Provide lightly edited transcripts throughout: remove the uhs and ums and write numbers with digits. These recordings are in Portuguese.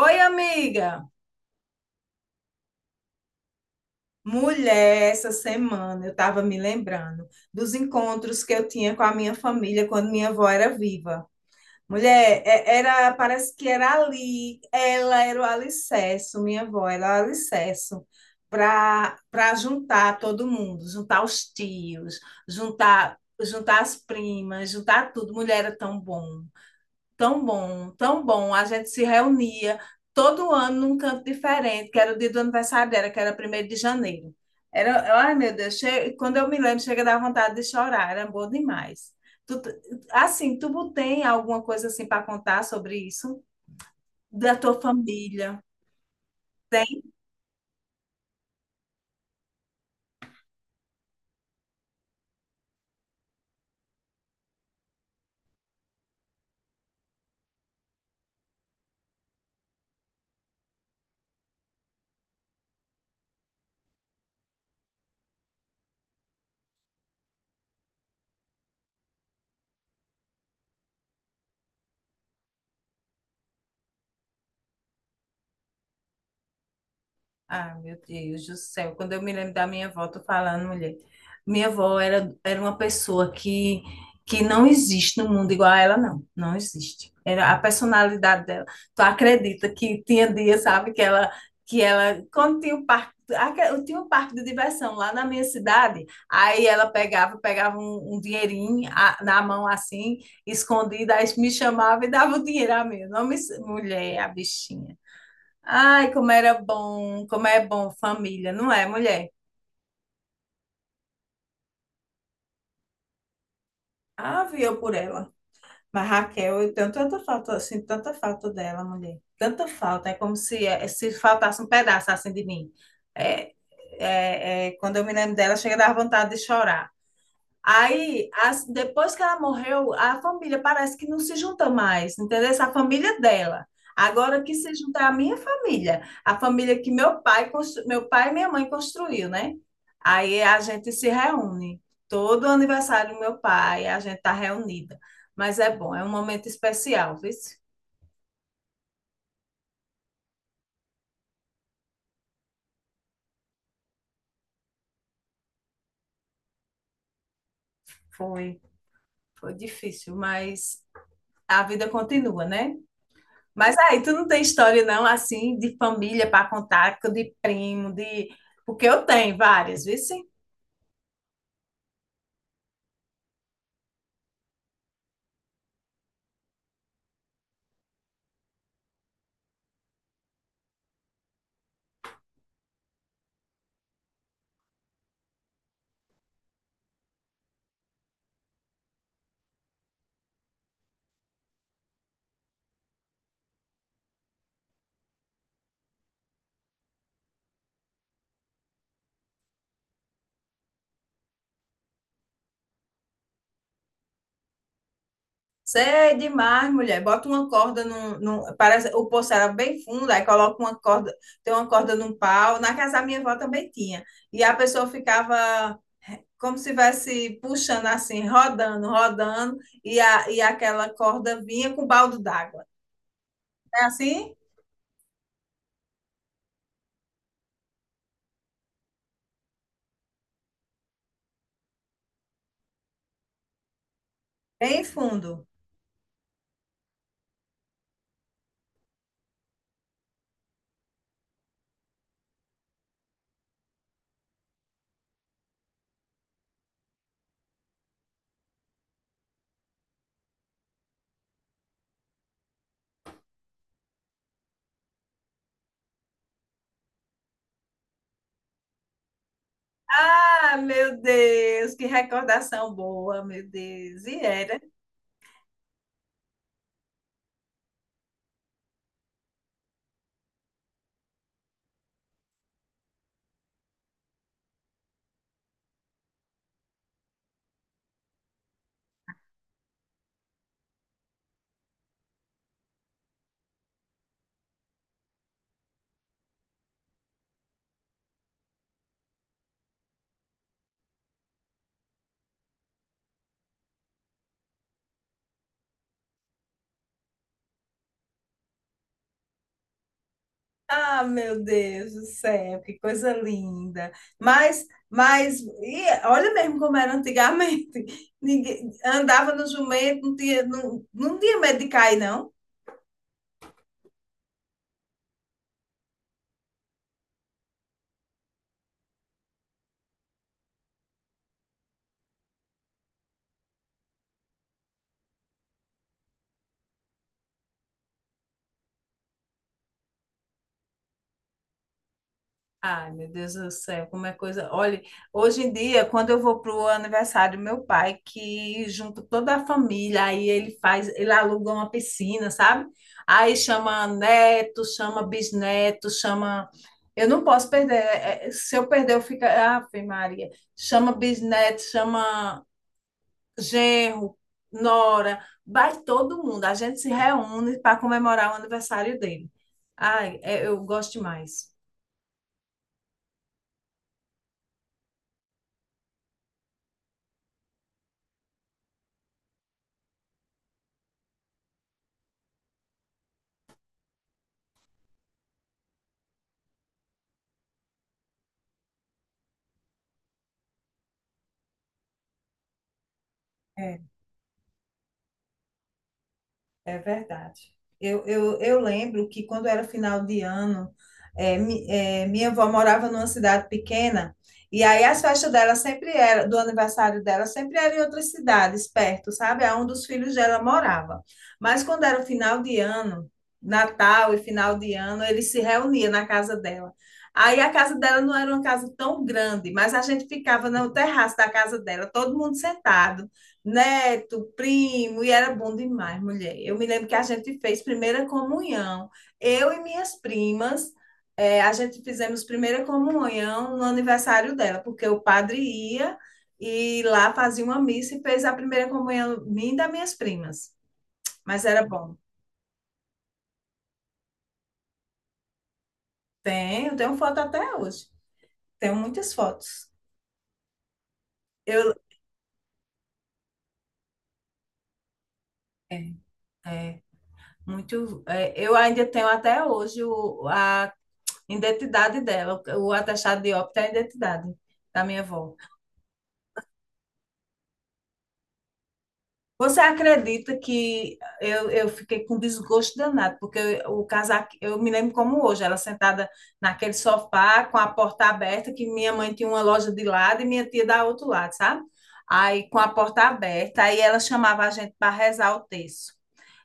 Oi, amiga. Mulher, essa semana eu estava me lembrando dos encontros que eu tinha com a minha família quando minha avó era viva. Mulher, era, parece que era ali, ela era o alicerce, minha avó era o alicerce para juntar todo mundo, juntar os tios, juntar as primas, juntar tudo. Mulher, era tão bom. Tão bom, tão bom. A gente se reunia todo ano num canto diferente, que era o dia do aniversário dela, que era 1º de janeiro. Era, ai meu Deus, quando eu me lembro, chega a dar vontade de chorar, era bom demais. Tu, t- assim, tu tem alguma coisa assim para contar sobre isso? Da tua família? Ah, meu Deus do céu. Quando eu me lembro da minha avó, tô falando, mulher. Minha avó era, era uma pessoa que não existe no mundo igual a ela, não. Não existe. Era a personalidade dela. Tu acredita que tinha dia, sabe, que ela, quando tinha o parque, eu tinha um parque de diversão lá na minha cidade, aí ela pegava, pegava um dinheirinho na mão assim, escondida, aí me chamava e dava o dinheiro a mim. Não me, mulher, a bichinha. Ai, como era bom, como é bom família, não é, mulher? Ave eu por ela. Mas, Raquel, eu tenho tanta falta, assim, tanta falta dela, mulher. Tanta falta, é como se, é, se faltasse um pedaço assim de mim. É, quando eu me lembro dela, chega a dar vontade de chorar. Aí, depois que ela morreu, a família parece que não se junta mais, entendeu? Essa família é dela. Agora que se junta é a minha família, a família que meu pai, meu pai e minha mãe construiu, né? Aí a gente se reúne. Todo aniversário do meu pai, a gente tá reunida. Mas é bom, é um momento especial, viu? Foi, foi difícil, mas a vida continua, né? Mas aí tu não tem história não assim de família para contar, que de primo, de, porque eu tenho várias, viu? Sim? Cê é demais, mulher. Bota uma corda parece, o poço era bem fundo, aí coloca uma corda, tem uma corda num pau. Na casa da minha avó também tinha. E a pessoa ficava como se estivesse puxando assim, rodando, rodando, e, a, e aquela corda vinha com balde d'água. É assim? Bem fundo. Ah, meu Deus, que recordação boa, meu Deus. E era. Ah, meu Deus do céu, que coisa linda. Mas, mas, e olha mesmo como era antigamente. Ninguém andava no jumento, não tinha, não, não tinha medo de cair, não. Ai, meu Deus do céu, como é coisa. Olha, hoje em dia, quando eu vou pro aniversário do meu pai, que junto toda a família, aí ele faz, ele aluga uma piscina, sabe? Aí chama neto, chama bisneto, chama. Eu não posso perder. Se eu perder, eu fico. Ah, Maria. Chama bisneto, chama genro, nora, vai todo mundo. A gente se reúne para comemorar o aniversário dele. Ai, eu gosto demais. É. É verdade. Eu lembro que quando era final de ano, minha avó morava numa cidade pequena, e aí as festas dela sempre era, do aniversário dela, sempre era em outras cidades perto, sabe? Aonde os filhos dela morava. Mas quando era final de ano, Natal e final de ano, eles se reuniam na casa dela. Aí a casa dela não era uma casa tão grande, mas a gente ficava no terraço da casa dela, todo mundo sentado, neto, primo, e era bom demais, mulher. Eu me lembro que a gente fez primeira comunhão. Eu e minhas primas, a gente fizemos primeira comunhão no aniversário dela, porque o padre ia e lá fazia uma missa e fez a primeira comunhão minha e das minhas primas. Mas era bom. Tenho, tenho foto até hoje. Tenho muitas fotos. Eu, é, é, muito, eu ainda tenho até hoje o, a identidade dela, o atestado de óbito é a identidade da minha avó. Você acredita que eu fiquei com desgosto danado, porque eu, o casaco, eu me lembro como hoje, ela sentada naquele sofá com a porta aberta, que minha mãe tinha uma loja de lado e minha tia da outro lado, sabe? Aí com a porta aberta, aí ela chamava a gente para rezar o terço.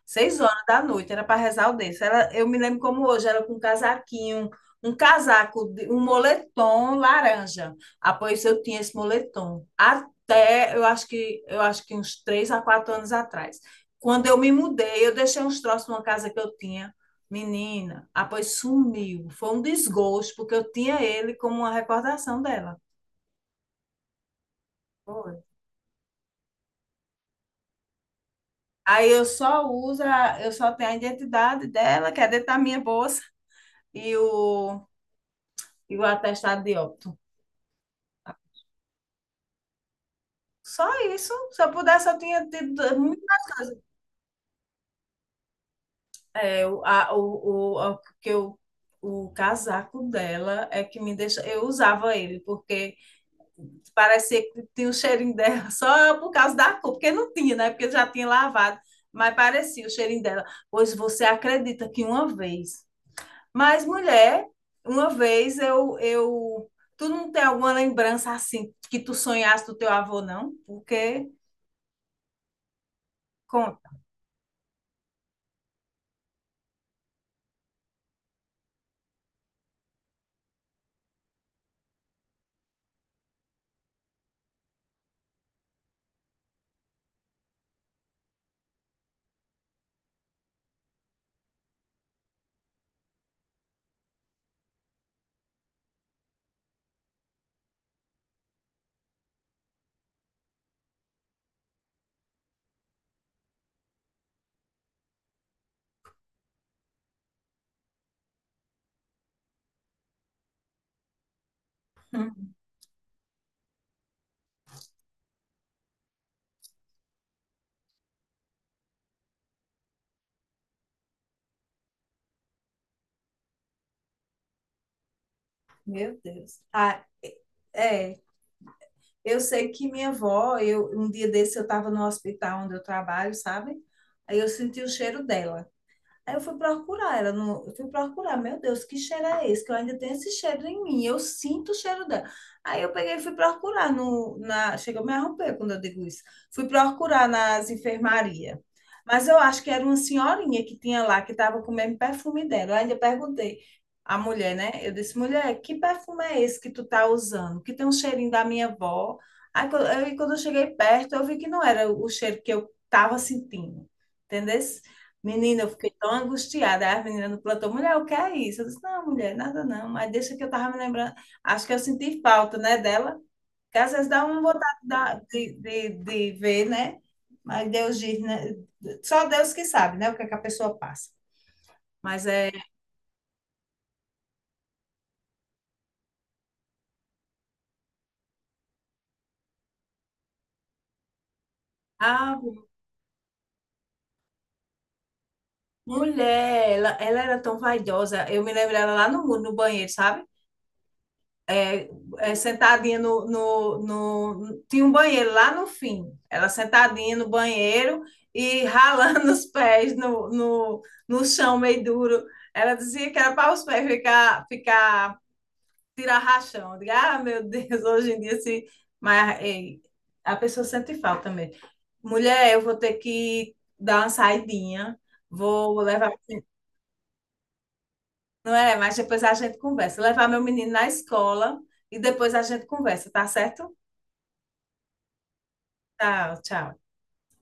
6 horas da noite, era para rezar o terço. Ela, eu me lembro como hoje, era com um casaquinho, um casaco, um moletom laranja. Ah, pois eu tinha esse moletom. Até, eu acho que uns 3 a 4 anos atrás. Quando eu me mudei, eu deixei uns troços numa casa que eu tinha. Menina, ah, pois sumiu. Foi um desgosto, porque eu tinha ele como uma recordação dela. Foi. Aí eu só uso, eu só tenho a identidade dela, que é dentro da minha bolsa, e o, e o atestado de óbito. Só isso. Se eu pudesse, eu tinha tido. É, o, a, o, o, que eu, o casaco dela é que me deixa. Eu usava ele, porque parecia que tinha o cheirinho dela, só por causa da cor, porque não tinha, né? Porque já tinha lavado, mas parecia o cheirinho dela. Pois você acredita que uma vez. Mas, mulher, uma vez eu, eu. Tu não tem alguma lembrança assim que tu sonhasse do teu avô, não? Porque. Conta. Hum. Meu Deus. Ah, é, é, eu sei que minha avó, eu, um dia desse eu estava no hospital onde eu trabalho, sabe? Aí eu senti o cheiro dela. Aí eu fui procurar ela, no, eu fui procurar, meu Deus, que cheiro é esse? Que eu ainda tenho esse cheiro em mim, eu sinto o cheiro dela. Aí eu peguei e fui procurar no, na, chega a me arromper quando eu digo isso. Fui procurar nas enfermarias. Mas eu acho que era uma senhorinha que tinha lá, que estava com o mesmo perfume dela. Eu ainda perguntei à mulher, né? Eu disse, mulher, que perfume é esse que tu tá usando? Que tem um cheirinho da minha avó. Aí quando eu cheguei perto, eu vi que não era o cheiro que eu estava sentindo. Entendeu? Menina, eu fiquei tão angustiada. Aí a menina no plantão, mulher, o que é isso? Eu disse, não, mulher, nada não. Mas deixa que eu tava me lembrando. Acho que eu senti falta, né, dela. Que às vezes dá uma vontade de ver, né? Mas Deus diz, né? Só Deus que sabe, né? O que é que a pessoa passa. Mas é... Ah, mulher, ela era tão vaidosa. Eu me lembro dela lá no muro, no banheiro, sabe? É, sentadinha no, no, no. Tinha um banheiro lá no fim. Ela sentadinha no banheiro e ralando os pés no chão meio duro. Ela dizia que era para os pés ficar, ficar tirar rachão. Eu digo, ah, meu Deus, hoje em dia se. Mas, ei, a pessoa sente falta também. Mulher, eu vou ter que dar uma saidinha, vou levar. Não é? Mas depois a gente conversa. Levar meu menino na escola e depois a gente conversa, tá certo? Tchau, tchau.